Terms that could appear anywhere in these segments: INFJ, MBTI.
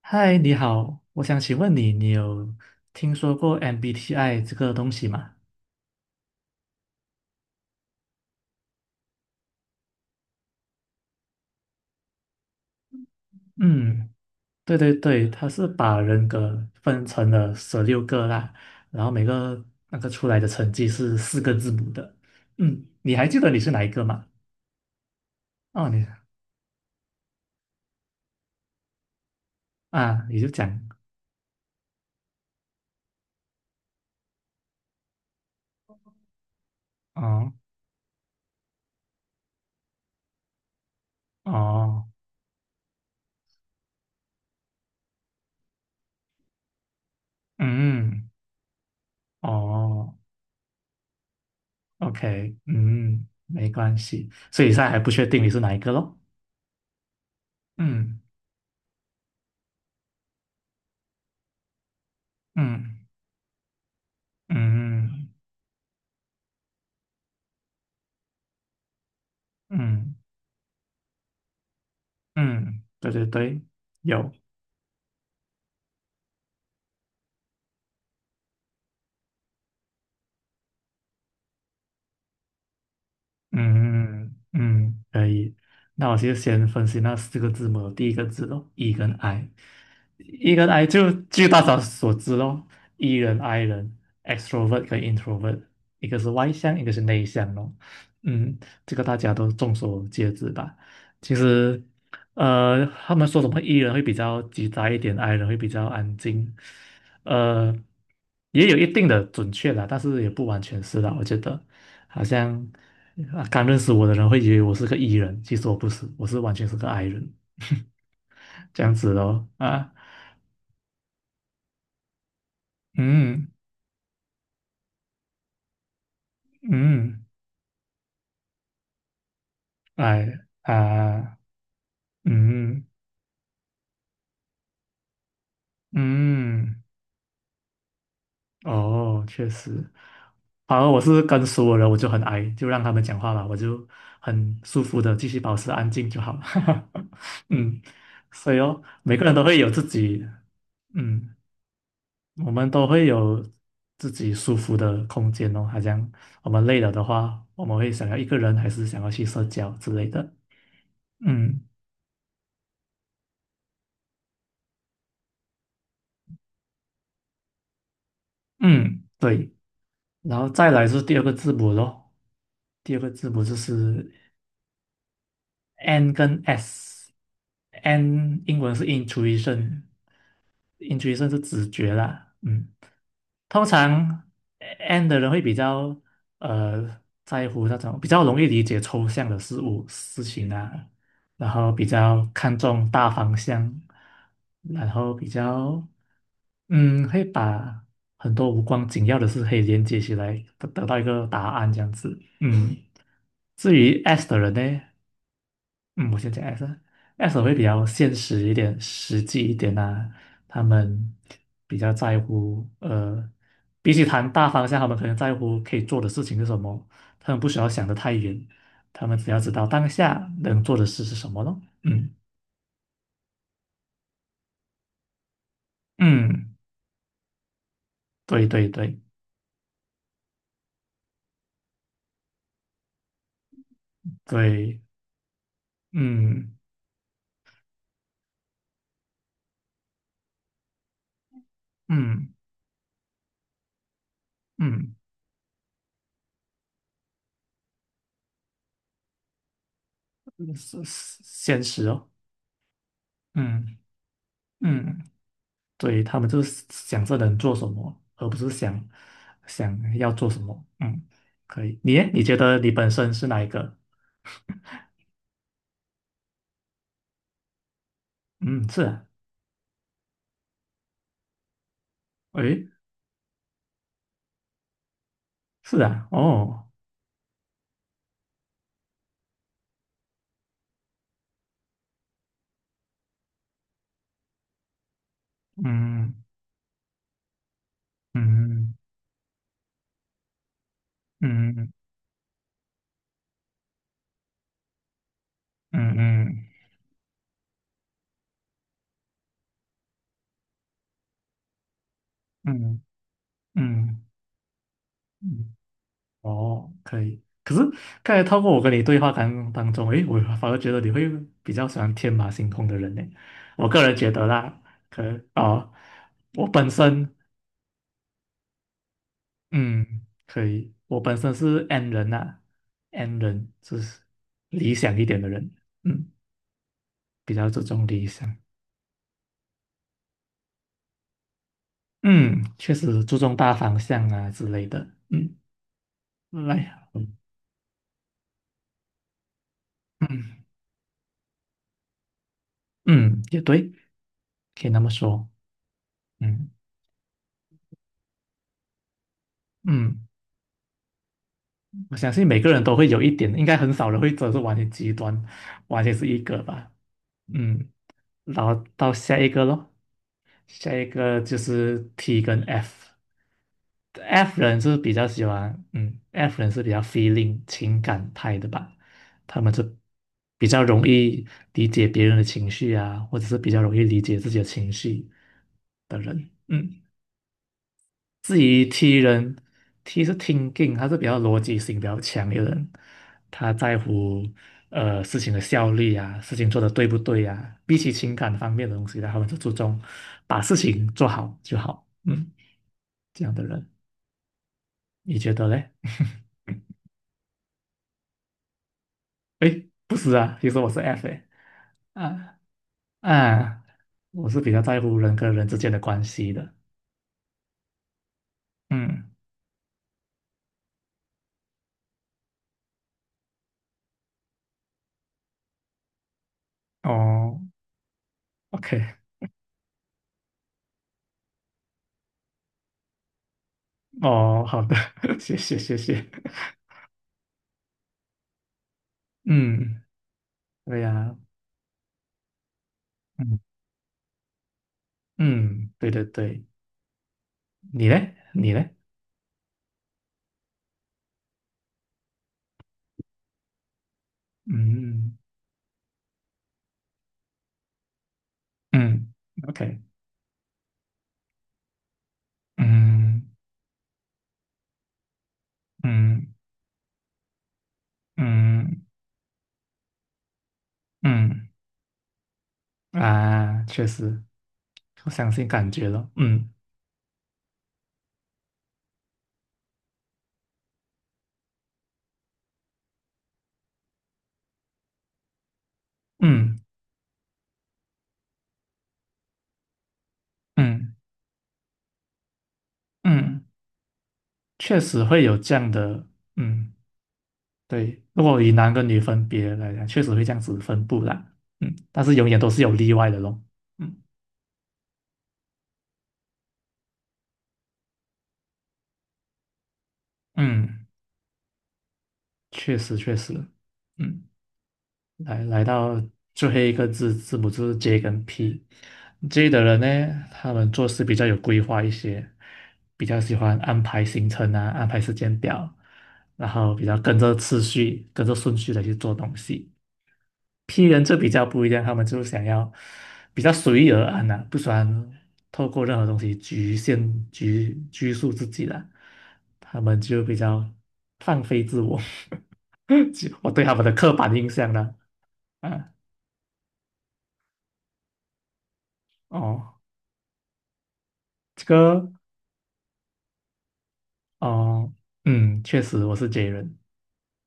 嗨，你好，我想请问你，你有听说过 MBTI 这个东西吗？嗯，对对对，它是把人格分成了十六个啦，然后每个那个出来的成绩是四个字母的。嗯，你还记得你是哪一个吗？哦，你啊，你就讲哦哦，嗯哦，OK，嗯，没关系，所以现在还不确定你是哪一个咯。嗯嗯嗯嗯。嗯，对对对，有，嗯嗯，可以。那我就先分析那四个字母，第一个字咯，E 跟 I。E 跟 I 就据大家所知咯，E 人 I 人，extrovert 跟 introvert，一个是外向，一个是内向咯。嗯，这个大家都众所皆知吧。其实，他们说什么 E 人会比较急躁一点，I 人会比较安静，呃，也有一定的准确啦，但是也不完全是啦，我觉得。好像啊刚认识我的人会以为我是个 E 人，其实我不是，我是完全是个 I 人，这样子咯啊，嗯嗯，哎啊，嗯嗯，哦，确实，反而我是跟熟的人我就很 I，就让他们讲话吧，我就很舒服的继续保持安静就好了，嗯，所以哦，每个人都会有自己，嗯。我们都会有自己舒服的空间哦，好像我们累了的话，我们会想要一个人，还是想要去社交之类的。嗯嗯，对。然后再来是第二个字母咯，第二个字母就是 N 跟 S。N 英文是 intuition，intuition 是直觉啦。嗯通常 N 的人会比较在乎那种比较容易理解抽象的事物事情啊，然后比较看重大方向，然后比较嗯会把很多无关紧要的事可以连接起来，得到一个答案这样子。嗯，至于 S 的人呢，嗯，我先讲 S，S 会比较现实一点、实际一点呐。他们比较在乎，比起谈大方向，他们可能在乎可以做的事情是什么。他们不需要想的太远，他们只要知道当下能做的事是什么咯。嗯嗯，对对对对，嗯嗯嗯，是是现实哦。嗯嗯。所以他们就是想这能做什么，而不是想想要做什么。嗯，可以。你耶你觉得你本身是哪一个？嗯，是啊，诶，是啊，哦，嗯嗯嗯嗯嗯嗯嗯嗯，哦，可以。可是刚才透过我跟你对话当中，诶，我反而觉得你会比较喜欢天马行空的人呢。我个人觉得啦，可哦，我本身。嗯，可以。我本身是 N 人呐、啊 n 人就是理想一点的人，嗯，比较注重理想，嗯，确实注重大方向啊之类的，嗯，来，嗯嗯，也对，可以那么说，嗯嗯，我相信每个人都会有一点，应该很少人会真的是完全极端，完全是一个吧，嗯，然后到下一个咯，下一个就是 T 跟 F。F 人是比较喜欢，嗯，F 人是比较 feeling 情感派的吧，他们就比较容易理解别人的情绪啊，或者是比较容易理解自己的情绪的人。嗯，至于 T 人，T 是 thinking，他是比较逻辑性比较强的人，他在乎事情的效率啊，事情做的对不对啊，比起情感方面的东西呢，他们就注重把事情做好就好，嗯，这样的人，你觉得嘞？哎，不是啊，其实我是 F 诶，啊啊，我是比较在乎人跟人之间的关系的。嗯，哦，OK，哦，好的，谢谢谢谢。嗯，对呀，嗯嗯，对对对，你嘞，你嘞，嗯嗯，OK，嗯嗯嗯嗯啊，确实，我相信感觉了，嗯嗯嗯嗯，确实会有这样的，嗯。对，如果以男跟女分别来讲，确实会这样子分布啦。嗯，但是永远都是有例外的咯。嗯嗯，确实确实。嗯，来来到最后一个字母就是 J 跟 P。J 的人呢，他们做事比较有规划一些，比较喜欢安排行程啊，安排时间表，然后比较跟着次序、跟着顺序的去做东西。P 人就比较不一样，他们就想要比较随遇而安呐、不喜欢透过任何东西局限局拘束自己啦，他们就比较放飞自我。就我对他们的刻板印象呢，啊，哦，这个，哦，嗯，确实我是 J 人，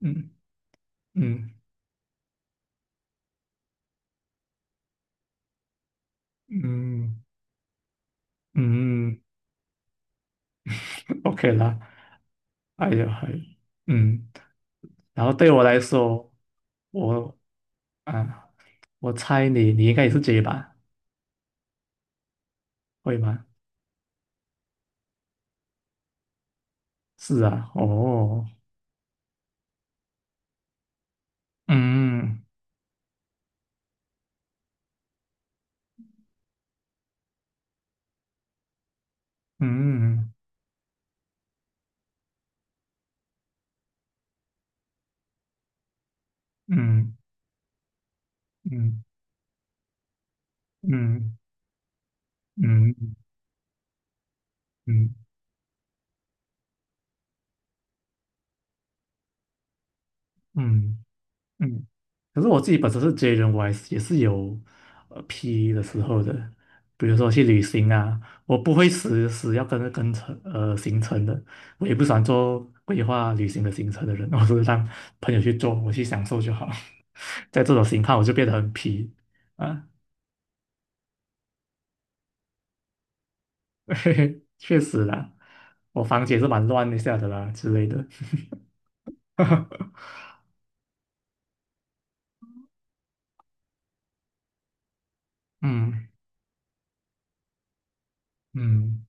嗯嗯嗯嗯，OK 啦，哎呀，还，嗯，然后对我来说，我啊，我猜你你应该也是 J 吧。会吗？是啊，哦，嗯嗯嗯嗯嗯嗯嗯嗯嗯。可是我自己本身是 J 人，我还是也是有P E 的时候的，比如说去旅行啊，我不会死死要跟着行程的，我也不喜欢做规划旅行的行程的人，我是让朋友去做，我去享受就好。在这种情况，我就变得很皮啊。嘿嘿，确实啦，我房间是蛮乱一下的啦之类的。嗯嗯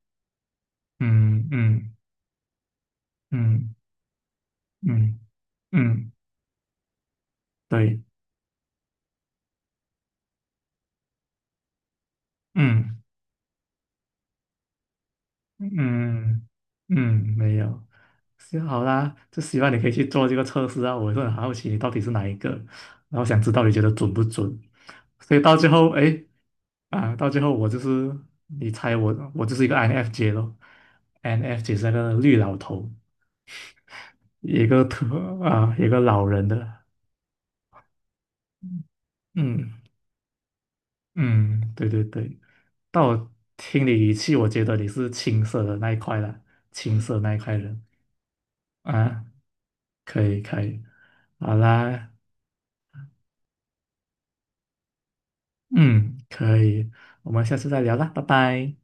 嗯嗯嗯嗯嗯，嗯嗯嗯嗯嗯对，嗯嗯嗯，没有，行好啦，就希望你可以去做这个测试啊，我也是很好奇你到底是哪一个，然后想知道你觉得准不准，所以到最后，哎啊，到最后我就是你猜我，我就是一个 INFJ 咯，INFJ 是那个绿老头，一个特啊，一个老人的，嗯嗯，对对对，但我听你语气，我觉得你是青涩的那一块啦，青涩那一块人啊，可以可以，好啦，嗯，可以，我们下次再聊啦，拜拜。